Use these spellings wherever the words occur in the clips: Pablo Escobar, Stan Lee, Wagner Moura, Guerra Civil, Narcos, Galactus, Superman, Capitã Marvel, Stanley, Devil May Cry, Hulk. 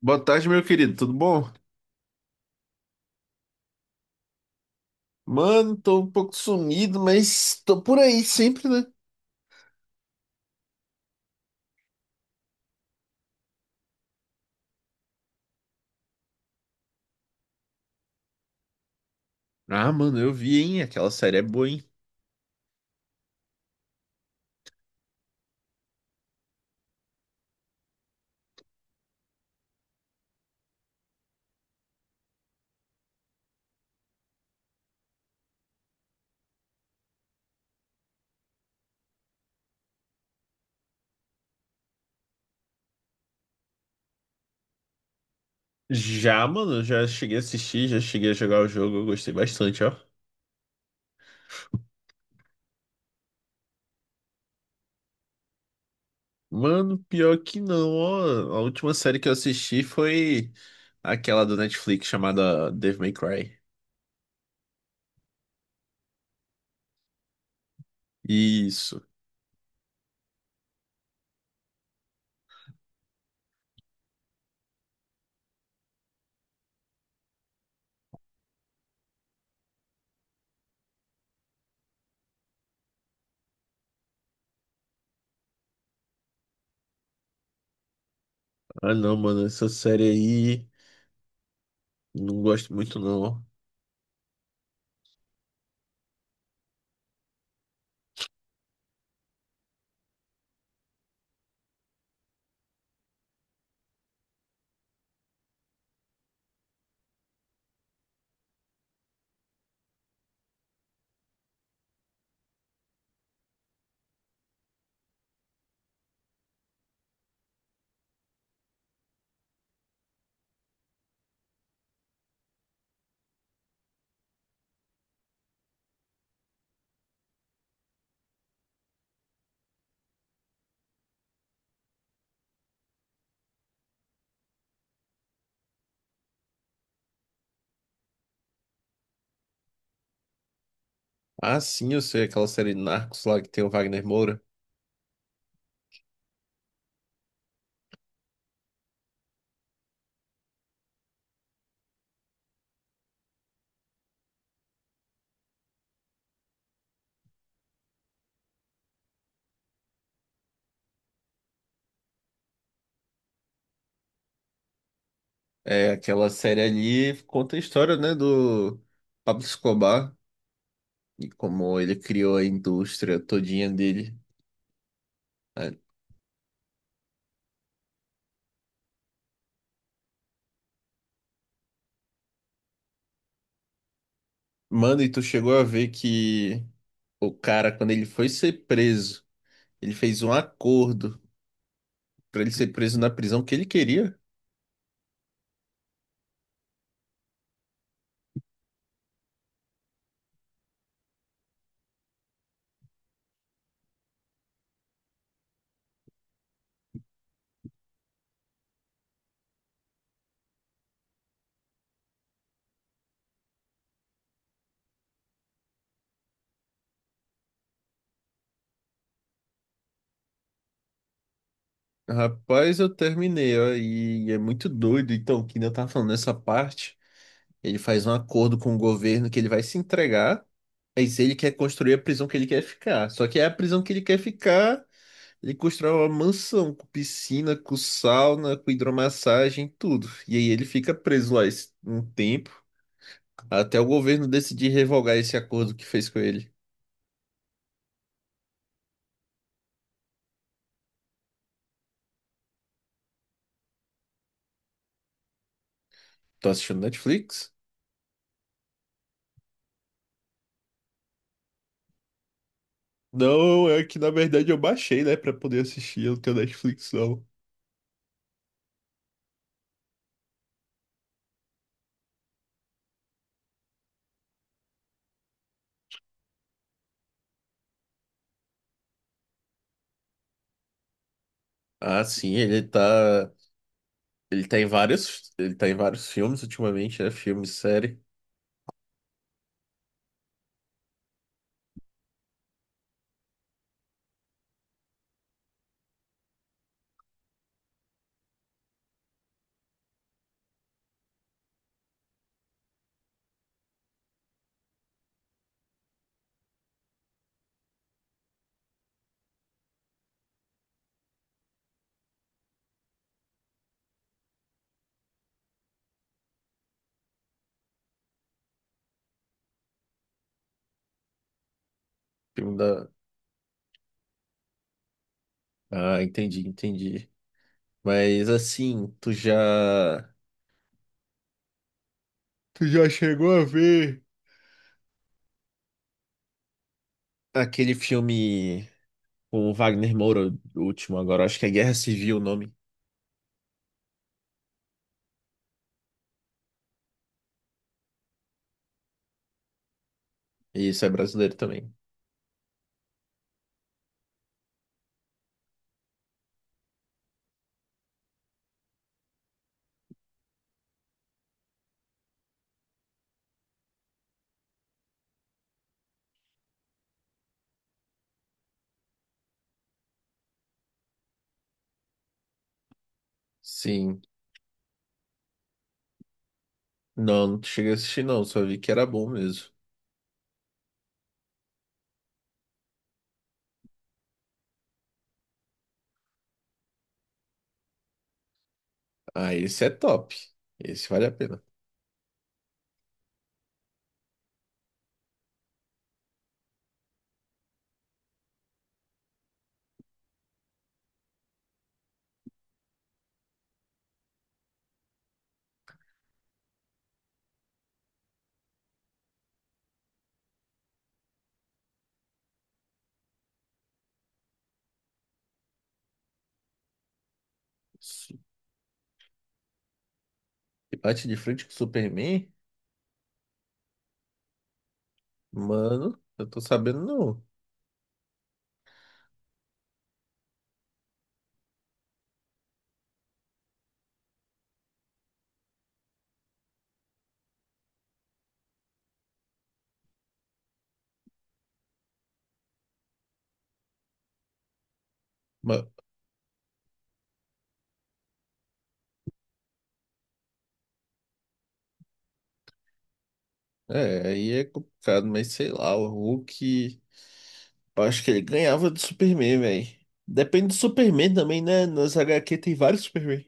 Boa tarde, meu querido, tudo bom? Mano, tô um pouco sumido, mas tô por aí sempre, né? Ah, mano, eu vi, hein? Aquela série é boa, hein? Já, mano, já cheguei a assistir, já cheguei a jogar o jogo, eu gostei bastante, ó. Mano, pior que não, ó. A última série que eu assisti foi aquela do Netflix chamada Devil May Cry. Isso. Ah, não, mano, essa série aí não gosto muito, não, ó. Ah, sim, eu sei, aquela série Narcos lá que tem o Wagner Moura. É, aquela série ali conta a história, né, do Pablo Escobar e como ele criou a indústria todinha dele. Ah, mano, e tu chegou a ver que o cara, quando ele foi ser preso, ele fez um acordo pra ele ser preso na prisão que ele queria? Rapaz, eu terminei, ó, e é muito doido. Então, que nem eu tava falando nessa parte, ele faz um acordo com o governo que ele vai se entregar, mas ele quer construir a prisão que ele quer ficar. Só que é a prisão que ele quer ficar. Ele constrói uma mansão com piscina, com sauna, com hidromassagem, tudo. E aí ele fica preso lá um tempo, até o governo decidir revogar esse acordo que fez com ele. Tô assistindo Netflix? Não, é que na verdade eu baixei, né, pra poder assistir, eu não tenho Netflix não. Ah, sim, ele tá, ele tá em vários filmes ultimamente, né, filme, série, filme da... Ah, entendi, entendi. Mas assim, tu já... Tu já chegou a ver aquele filme com o Wagner Moura, o último agora, acho que é Guerra Civil o nome. E isso é brasileiro também. Sim. Não, não cheguei a assistir não, só vi que era bom mesmo. Ah, esse é top. Esse vale a pena. E bate de frente com o Superman? Mano, eu tô sabendo não. Ma- é, aí é complicado, mas sei lá, o Hulk. Eu acho que ele ganhava do Superman, velho. Depende do Superman também, né? Nas HQ tem vários Superman.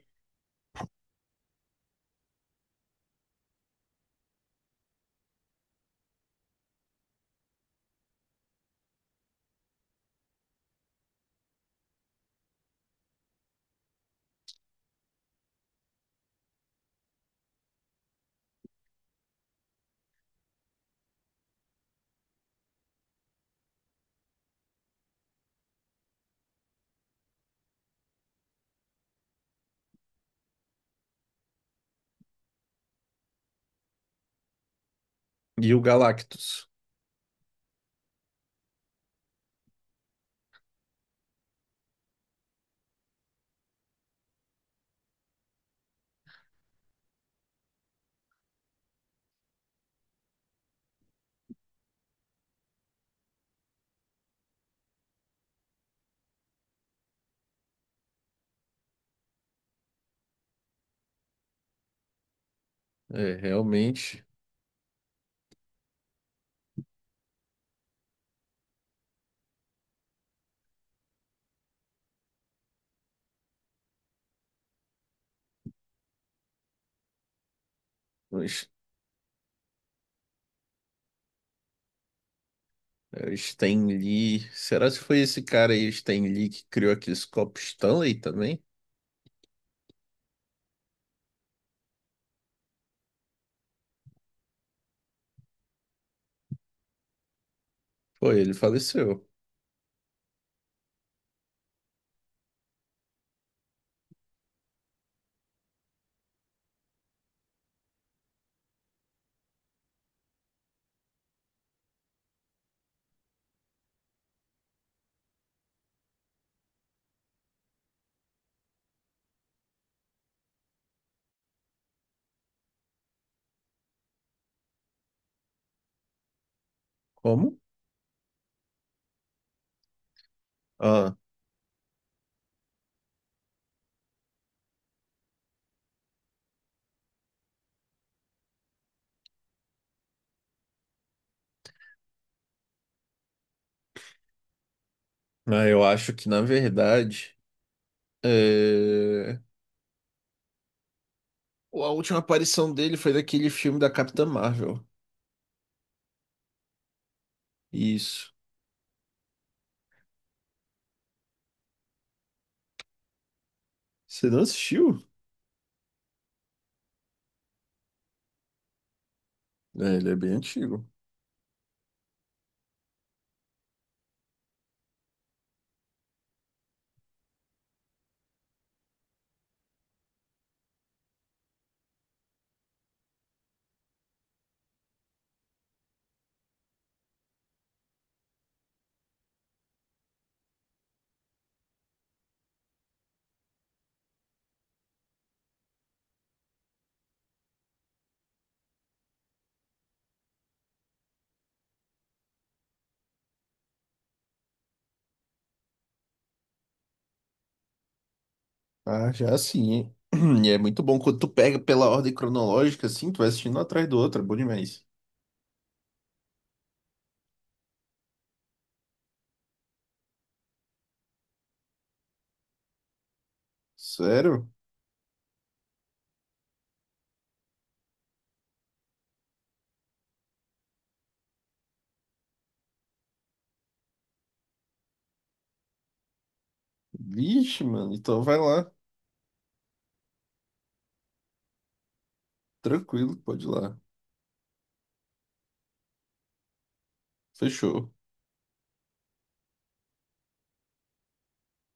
E o Galactus. É, realmente. O S- o Stan Lee. Será que foi esse cara aí, o Stan Lee, que criou aqueles copos Stanley também? Foi, ele faleceu. Como? Ah, eu acho que na verdade é, a última aparição dele foi daquele filme da Capitã Marvel. Isso. Você não assistiu? É, ele é bem antigo. Ah, já sim. E é muito bom quando tu pega pela ordem cronológica, assim, tu vai assistindo um atrás do outro, é bom demais. Sério? Vixe, mano. Então vai lá. Tranquilo, pode ir lá. Fechou.